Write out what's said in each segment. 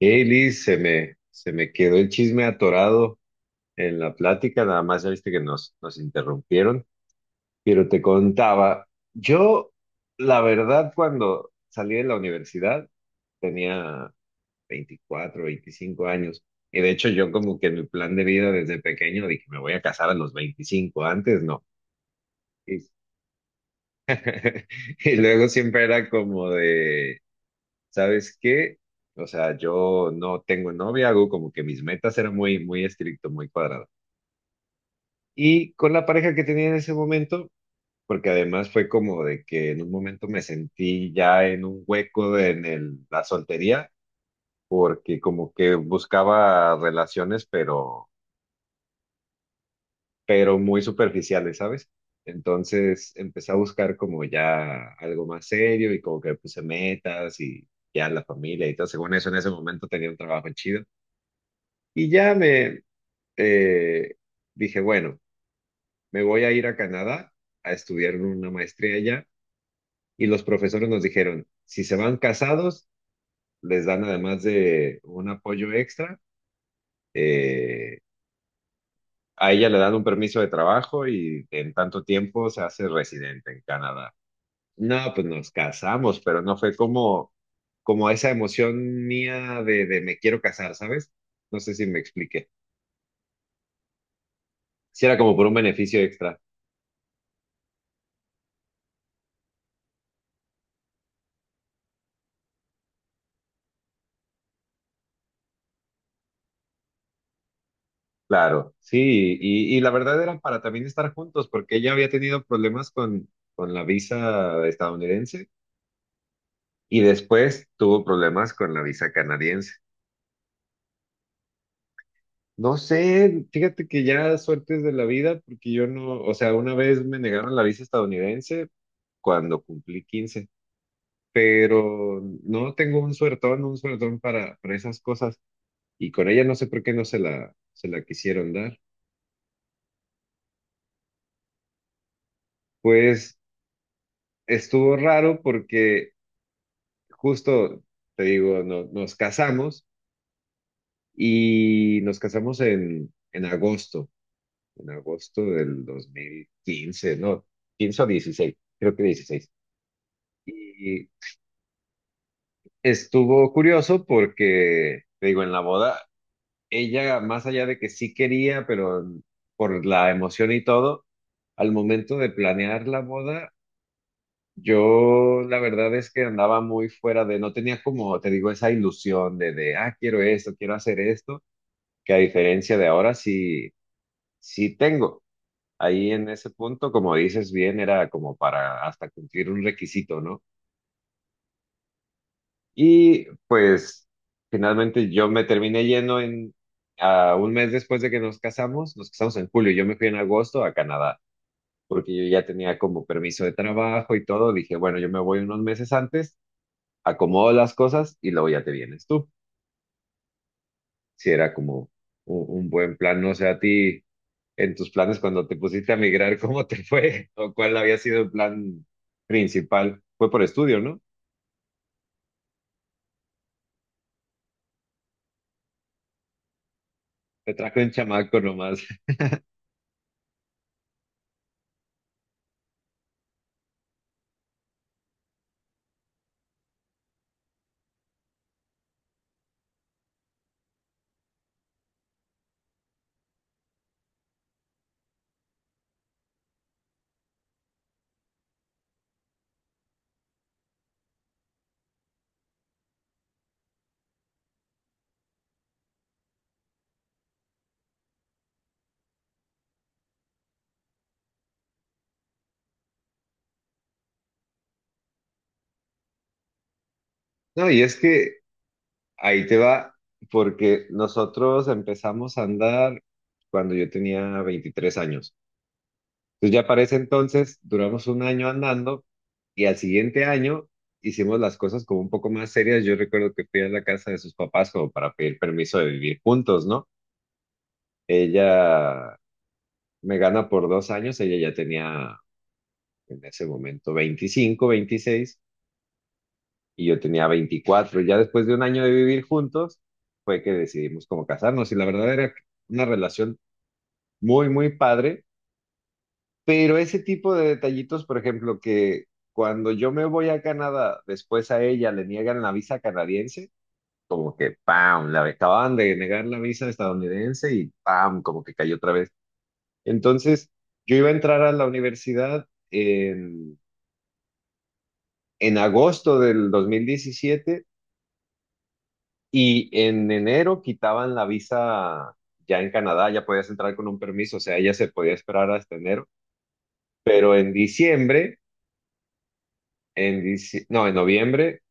Hey Liz, se me quedó el chisme atorado en la plática, nada más ya viste que nos interrumpieron, pero te contaba, yo la verdad cuando salí de la universidad tenía 24 25 años, y de hecho yo como que mi plan de vida desde pequeño dije, me voy a casar a los 25 antes no. Y, y luego siempre era como de, ¿sabes qué? O sea, yo no tengo novia, hago como que mis metas eran muy, muy estricto, muy cuadrado. Y con la pareja que tenía en ese momento, porque además fue como de que en un momento me sentí ya en un hueco la soltería, porque como que buscaba relaciones, pero muy superficiales, ¿sabes? Entonces empecé a buscar como ya algo más serio y como que puse metas y ya la familia y todo. Según eso, en ese momento tenía un trabajo chido. Y ya me eh, dije, bueno, me voy a ir a Canadá a estudiar una maestría allá. Y los profesores nos dijeron, si se van casados, les dan además de un apoyo extra, eh, a ella le dan un permiso de trabajo y en tanto tiempo se hace residente en Canadá. No, pues nos casamos, pero no fue como, como esa emoción mía de me quiero casar, ¿sabes? No sé si me expliqué. Si era como por un beneficio extra. Claro, sí, y la verdad era para también estar juntos, porque ella había tenido problemas con la visa estadounidense y después tuvo problemas con la visa canadiense. No sé, fíjate que ya suertes de la vida, porque yo no, o sea, una vez me negaron la visa estadounidense cuando cumplí 15, pero no tengo un suertón para esas cosas, y con ella no sé por qué no se la quisieron dar. Pues estuvo raro porque justo, te digo, nos casamos y nos casamos en agosto, en agosto del 2015 no, 15 o 16, creo que 16. Y estuvo curioso porque, te digo, en la boda, ella, más allá de que sí quería, pero por la emoción y todo, al momento de planear la boda, yo la verdad es que andaba muy fuera de, no tenía como, te digo, esa ilusión de quiero esto, quiero hacer esto. Que a diferencia de ahora sí, sí tengo. Ahí en ese punto, como dices bien, era como para hasta cumplir un requisito, ¿no? Y pues finalmente yo me terminé yendo a un mes después de que nos casamos en julio, yo me fui en agosto a Canadá, porque yo ya tenía como permiso de trabajo y todo, dije, bueno, yo me voy unos meses antes, acomodo las cosas y luego ya te vienes tú. Si era como un buen plan, no sé a ti, en tus planes cuando te pusiste a migrar, ¿cómo te fue? ¿O cuál había sido el plan principal? Fue por estudio, ¿no? Te trajo un chamaco nomás. No, y es que ahí te va, porque nosotros empezamos a andar cuando yo tenía 23 años. Entonces ya para ese entonces duramos un año andando y al siguiente año hicimos las cosas como un poco más serias. Yo recuerdo que fui a la casa de sus papás como para pedir permiso de vivir juntos, ¿no? Ella me gana por 2 años, ella ya tenía en ese momento 25 26 y yo tenía 24. Ya después de un año de vivir juntos, fue que decidimos como casarnos y la verdad era una relación muy, muy padre, pero ese tipo de detallitos, por ejemplo, que cuando yo me voy a Canadá, después a ella le niegan la visa canadiense. Como que, ¡pam! Le acababan de negar la visa estadounidense y ¡pam! Como que cayó otra vez. Entonces, yo iba a entrar a la universidad en agosto del 2017 y en enero quitaban la visa ya en Canadá, ya podías entrar con un permiso, o sea, ella se podía esperar hasta enero, pero en diciembre, no, en noviembre,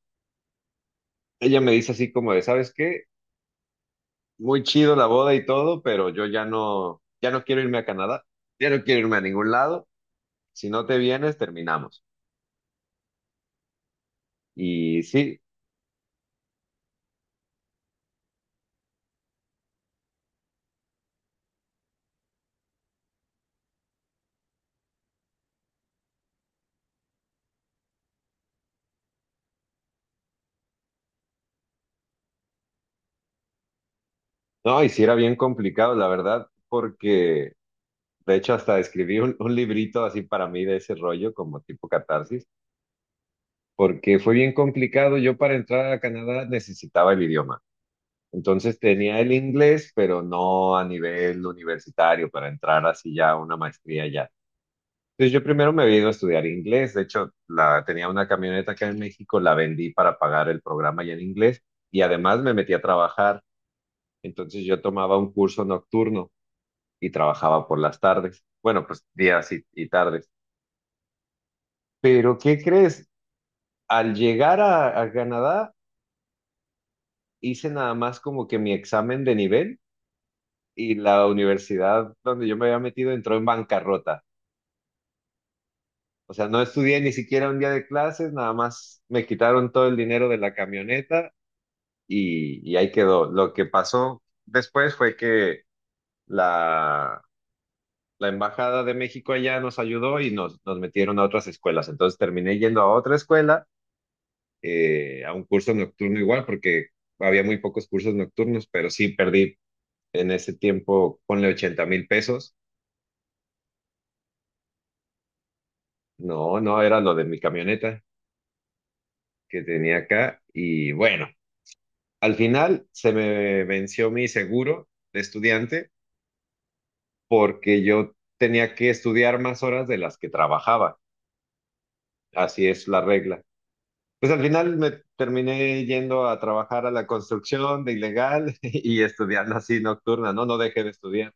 ella me dice así como de, ¿sabes qué? Muy chido la boda y todo, pero yo ya no, quiero irme a Canadá, ya no quiero irme a ningún lado, si no te vienes, terminamos. Y sí, no, y sí era bien complicado, la verdad, porque, de hecho, hasta escribí un librito así para mí de ese rollo, como tipo catarsis, porque fue bien complicado. Yo para entrar a Canadá necesitaba el idioma. Entonces tenía el inglés, pero no a nivel universitario para entrar así ya a una maestría ya. Entonces yo primero me vino a estudiar inglés. De hecho, tenía una camioneta acá en México, la vendí para pagar el programa ya en inglés y además me metí a trabajar. Entonces yo tomaba un curso nocturno y trabajaba por las tardes. Bueno, pues días y tardes. Pero, ¿qué crees? Al llegar a Canadá, hice nada más como que mi examen de nivel y la universidad donde yo me había metido entró en bancarrota. O sea, no estudié ni siquiera un día de clases, nada más me quitaron todo el dinero de la camioneta y ahí quedó. Lo que pasó después fue que la, la Embajada de México allá nos ayudó y nos metieron a otras escuelas. Entonces terminé yendo a otra escuela, a un curso nocturno igual, porque había muy pocos cursos nocturnos, pero sí perdí en ese tiempo, ponle 80,000 pesos. No, no, era lo de mi camioneta que tenía acá. Y bueno, al final se me venció mi seguro de estudiante porque yo tenía que estudiar más horas de las que trabajaba. Así es la regla. Pues al final me terminé yendo a trabajar a la construcción de ilegal y estudiando así nocturna, ¿no? No dejé de estudiar.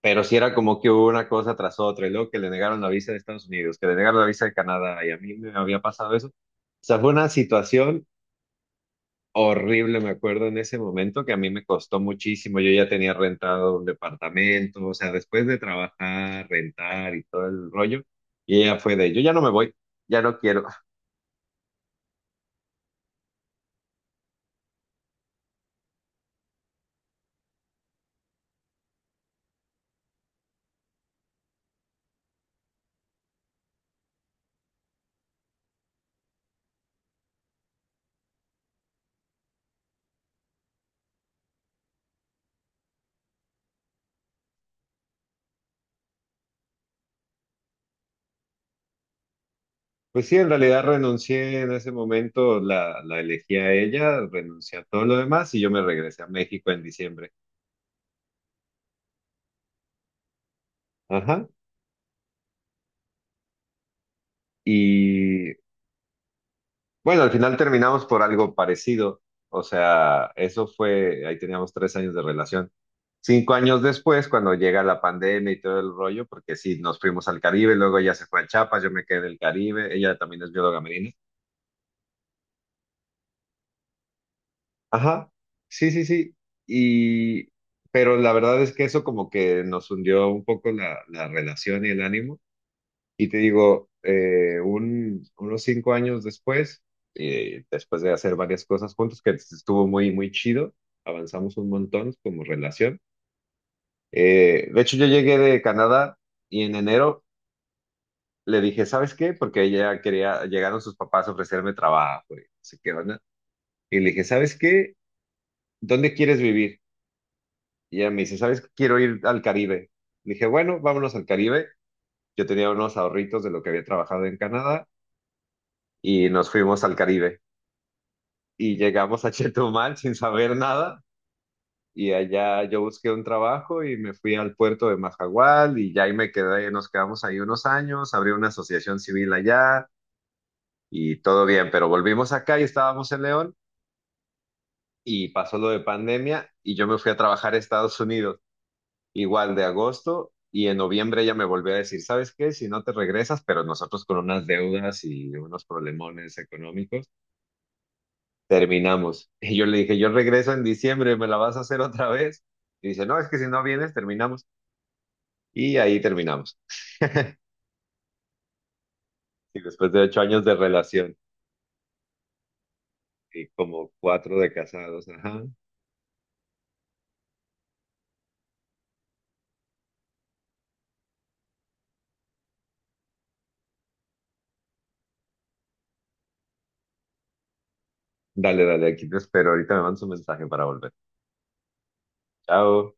Pero sí era como que hubo una cosa tras otra, y luego que le negaron la visa de Estados Unidos, que le negaron la visa de Canadá, y a mí me había pasado eso. O sea, fue una situación horrible, me acuerdo en ese momento, que a mí me costó muchísimo. Yo ya tenía rentado un departamento, o sea, después de trabajar, rentar y todo el rollo, y ella fue de, yo ya no me voy, ya no quiero. Pues sí, en realidad renuncié en ese momento, la elegí a ella, renuncié a todo lo demás, y yo me regresé a México en diciembre. Ajá. Y bueno, al final terminamos por algo parecido. O sea, eso fue, ahí teníamos 3 años de relación. 5 años después, cuando llega la pandemia y todo el rollo, porque sí, nos fuimos al Caribe, luego ella se fue a Chiapas, yo me quedé en el Caribe, ella también es bióloga marina. Ajá, sí, sí, sí. Y, pero la verdad es que eso como que nos hundió un poco la relación y el ánimo. Y te digo, unos 5 años después, después de hacer varias cosas juntos, que estuvo muy, muy chido, avanzamos un montón como relación. De hecho, yo llegué de Canadá y en enero le dije, ¿sabes qué? Porque ella quería, llegaron sus papás a ofrecerme trabajo y no sé qué onda. Y le dije, ¿sabes qué? ¿Dónde quieres vivir? Y ella me dice, ¿sabes qué? Quiero ir al Caribe. Le dije, bueno, vámonos al Caribe. Yo tenía unos ahorritos de lo que había trabajado en Canadá y nos fuimos al Caribe. Y llegamos a Chetumal sin saber nada y allá yo busqué un trabajo y me fui al puerto de Majagual y ya ahí me quedé, nos quedamos ahí unos años, abrí una asociación civil allá y todo bien, pero volvimos acá y estábamos en León y pasó lo de pandemia y yo me fui a trabajar a Estados Unidos, igual de agosto. Y en noviembre ella me volvió a decir, ¿sabes qué? Si no te regresas, pero nosotros con unas deudas y unos problemones económicos, terminamos. Y yo le dije, yo regreso en diciembre, ¿me la vas a hacer otra vez? Y dice, no, es que si no vienes, terminamos. Y ahí terminamos. Y después de 8 años de relación y como cuatro de casados, ajá. Dale, dale, aquí te espero. Ahorita me mandas un mensaje para volver. Chao.